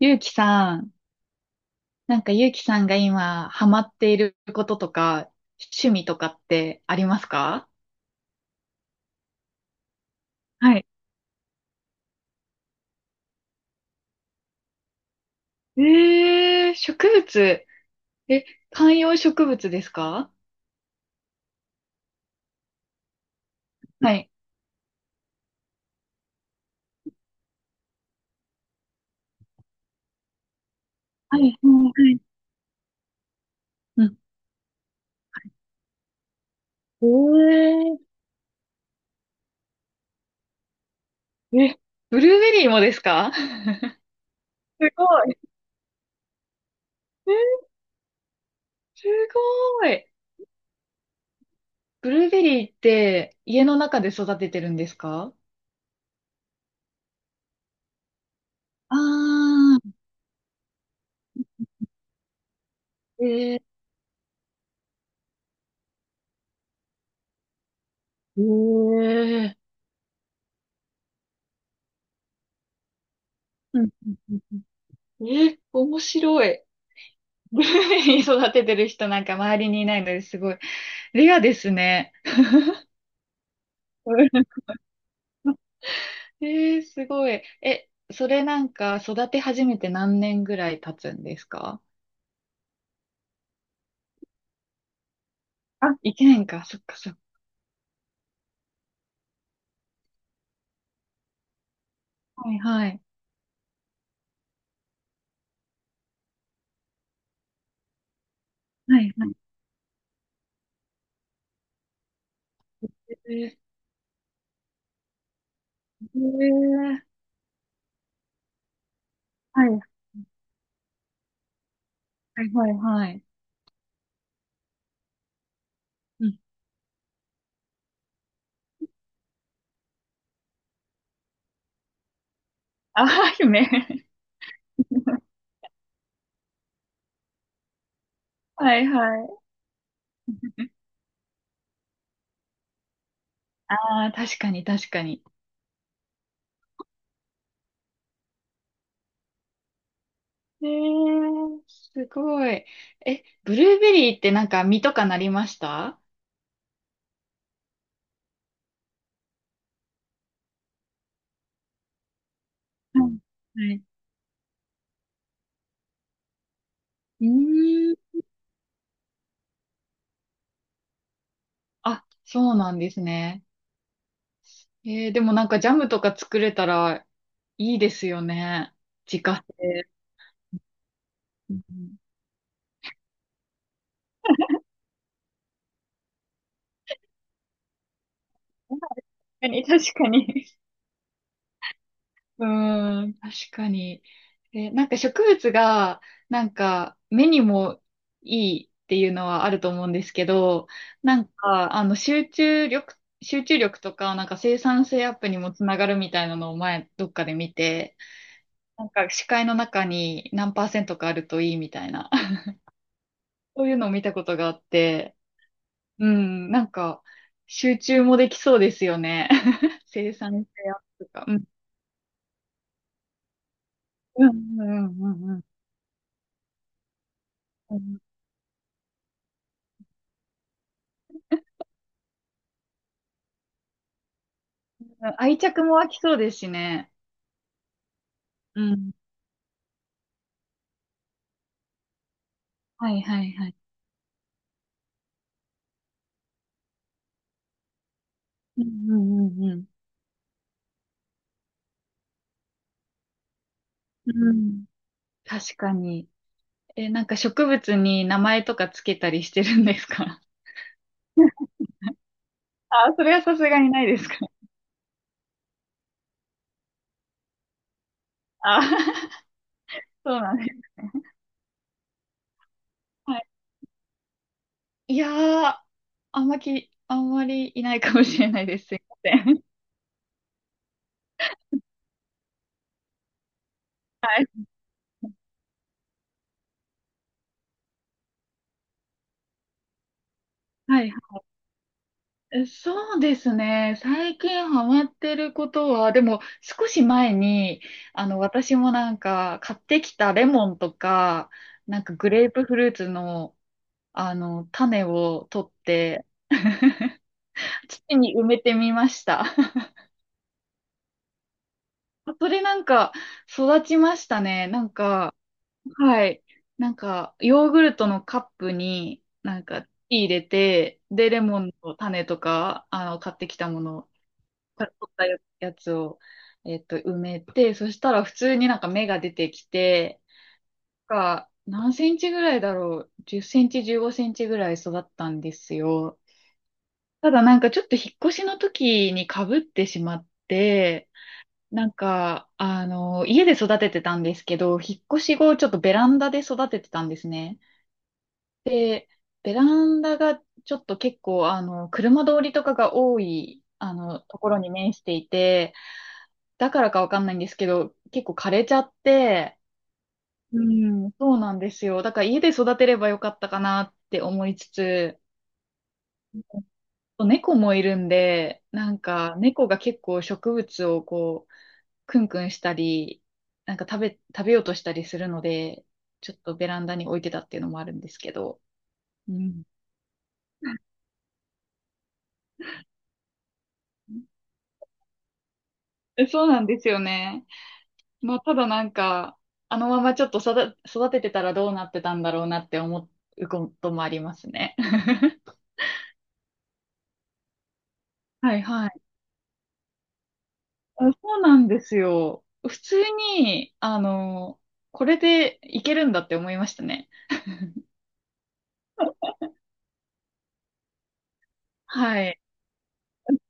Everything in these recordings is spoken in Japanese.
ゆうきさん、なんかゆうきさんが今ハマっていることとか、趣味とかってありますか？はい。えー、植物。え、観葉植物ですか？はい。はい、はい、はい。うん。えー、え、ブルーベリーもですか？ すごい。えーすごい。ブルーベリーって家の中で育ててるんですか？あー、えー、えー、うんうんうんうん、え、面白い。グルメに育ててる人なんか周りにいないのですごい、レアですね。えー、すごい。え、それなんか育て始めて何年ぐらい経つんですか？あ、1年か。そっかそっか。はいはい。はいはい。えー、えー、はいはいはいはい。うん。あ、夢。 はいはい。ああ、確かに確かに。えー、すごい。え、ブルーベリーってなんか実とかなりました？はい。はい。うーん。あ、そうなんですね。えー、でもなんかジャムとか作れたらいいですよね。自家製。うん、確かに、確かに。うーん、確かに。えなんか植物が、なんか目にもいいっていうのはあると思うんですけど、なんか集中力とか、なんか生産性アップにもつながるみたいなのを前どっかで見て、なんか視界の中に何パーセントかあるといいみたいな、そういうのを見たことがあって、うん、なんか、集中もできそうですよね。生産性アップとか。うん、うん、うん、うん、うん。うん、愛着も湧きそうですしね。うん。はい、はい、はい。うん、うん、うん、うん。うん、確かに。え、なんか植物に名前とかつけたりしてるんですか？ あ、それはさすがにないですか？あ、そうなんです。はい。いやー、あんまき、あんまりいないかもしれないです。すいません。はい。はい。え、そうですね。最近ハマってることは、でも少し前に、私もなんか買ってきたレモンとか、なんかグレープフルーツの、種を取って、土に埋めてみました。それなんか育ちましたね。なんか、はい。なんか、ヨーグルトのカップになんか入れて、で、レモンの種とか、買ってきたものをから取ったややつを、埋めて、そしたら普通になんか芽が出てきて、が何センチぐらいだろう、10センチ、15センチぐらい育ったんですよ。ただなんかちょっと引っ越しの時に被ってしまって、なんか、家で育ててたんですけど、引っ越し後ちょっとベランダで育ててたんですね。で、ベランダがちょっと結構、車通りとかが多い、ところに面していて、だからかわかんないんですけど、結構枯れちゃって、うん。そうなんですよ。だから家で育てればよかったかなって思いつつ、猫もいるんで、なんか猫が結構植物をこう、クンクンしたり、なんか食べようとしたりするので、ちょっとベランダに置いてたっていうのもあるんですけど。うん。え、そうなんですよね。まあ、ただなんか、あのままちょっと育ててたらどうなってたんだろうなって思うこともありますね。はいはい。あ、そうなんですよ。普通に、これでいけるんだって思いましたね。はい。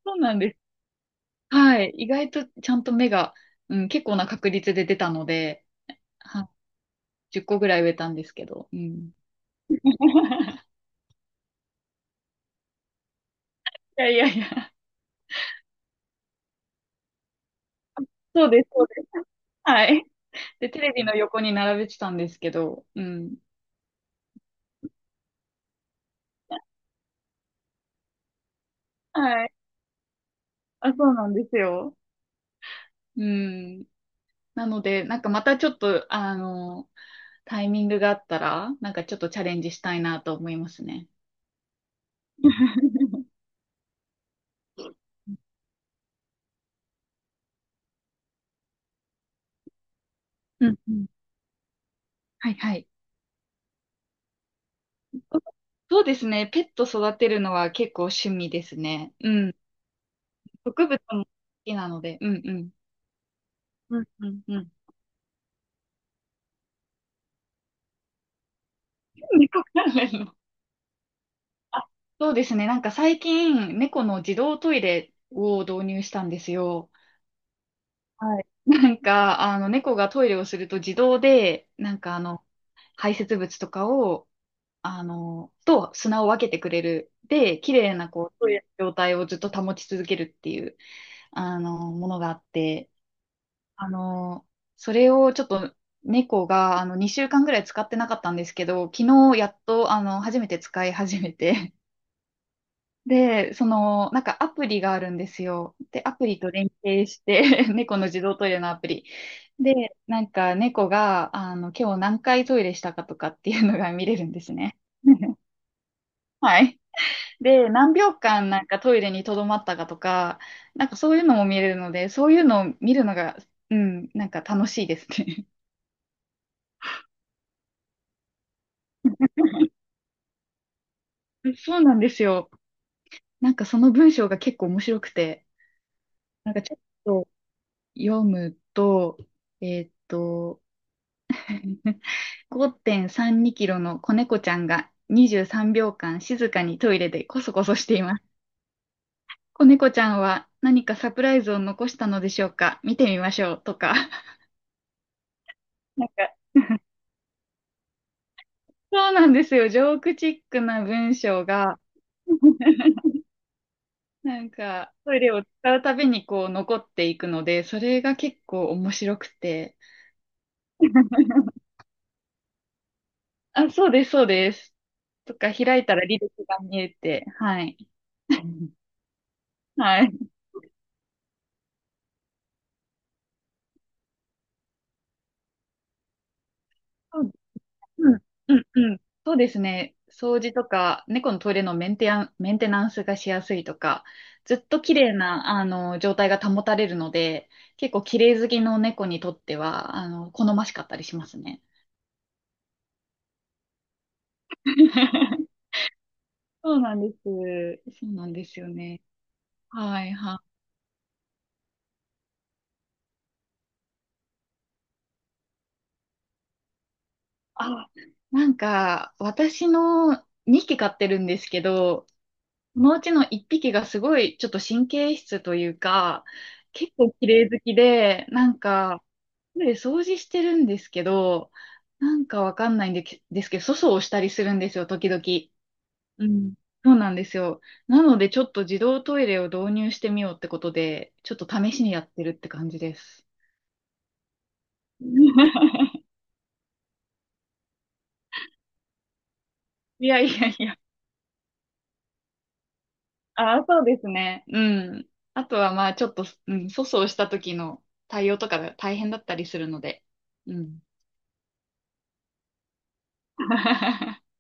そうなんです。はい。意外とちゃんと芽が、うん、結構な確率で出たので、はい、10個ぐらい植えたんですけど。うん。いやいやいや、そうです、そうです。はい。で、テレビの横に並べてたんですけど、うん。はい。あ、そうなんですよ。うん。なので、なんかまたちょっと、タイミングがあったら、なんかちょっとチャレンジしたいなと思いますね。うんうん。はいはい。そうですね。ペット育てるのは結構趣味ですね。うん。植物も好きなので。うんうん。うんうんうん。猫関連の。あ、そうですね。なんか最近、猫の自動トイレを導入したんですよ。はい。なんか、猫がトイレをすると自動で、なんか排泄物とかを、と砂を分けてくれる。で、綺麗なこう、そういう状態をずっと保ち続けるっていう、ものがあって、あの、それをちょっと猫が、2週間ぐらい使ってなかったんですけど、昨日やっと、初めて使い始めて、で、その、なんかアプリがあるんですよ。で、アプリと連携して 猫の自動トイレのアプリ。で、なんか猫が、今日何回トイレしたかとかっていうのが見れるんですね。はい。で、何秒間なんかトイレに留まったかとか、なんかそういうのも見れるので、そういうのを見るのが、うん、なんか楽しいですね。そうなんですよ。なんかその文章が結構面白くて、なんかちょっと読むと、えーっと、5.32キロの子猫ちゃんが23秒間静かにトイレでコソコソしています。子猫ちゃんは何かサプライズを残したのでしょうか、見てみましょうとか。なんか、そうなんですよ。ジョークチックな文章が、なんか、トイレを使うたびにこう残っていくので、それが結構面白くて。あ、そうです、そうです。とか、開いたら履歴が見えて、はい。はい。そう、うん、うん、うん。そうですね。掃除とか、猫のトイレのメンテナンスがしやすいとか、ずっと綺麗な、状態が保たれるので、結構綺麗好きの猫にとっては、好ましかったりしますね。そうなんです。そうなんですよね。はいはい。あ、なんか、私の2匹飼ってるんですけど、そのうちの1匹がすごいちょっと神経質というか、結構綺麗好きで、なんか、で掃除してるんですけど、なんかわかんないんでけですけど、粗相をしたりするんですよ、時々。うん。そうなんですよ。なので、ちょっと自動トイレを導入してみようってことで、ちょっと試しにやってるって感じです。いやいやいや。ああ、そうですね。うん。あとはまあちょっと、うん、粗相した時の対応とかが大変だったりするので。うん。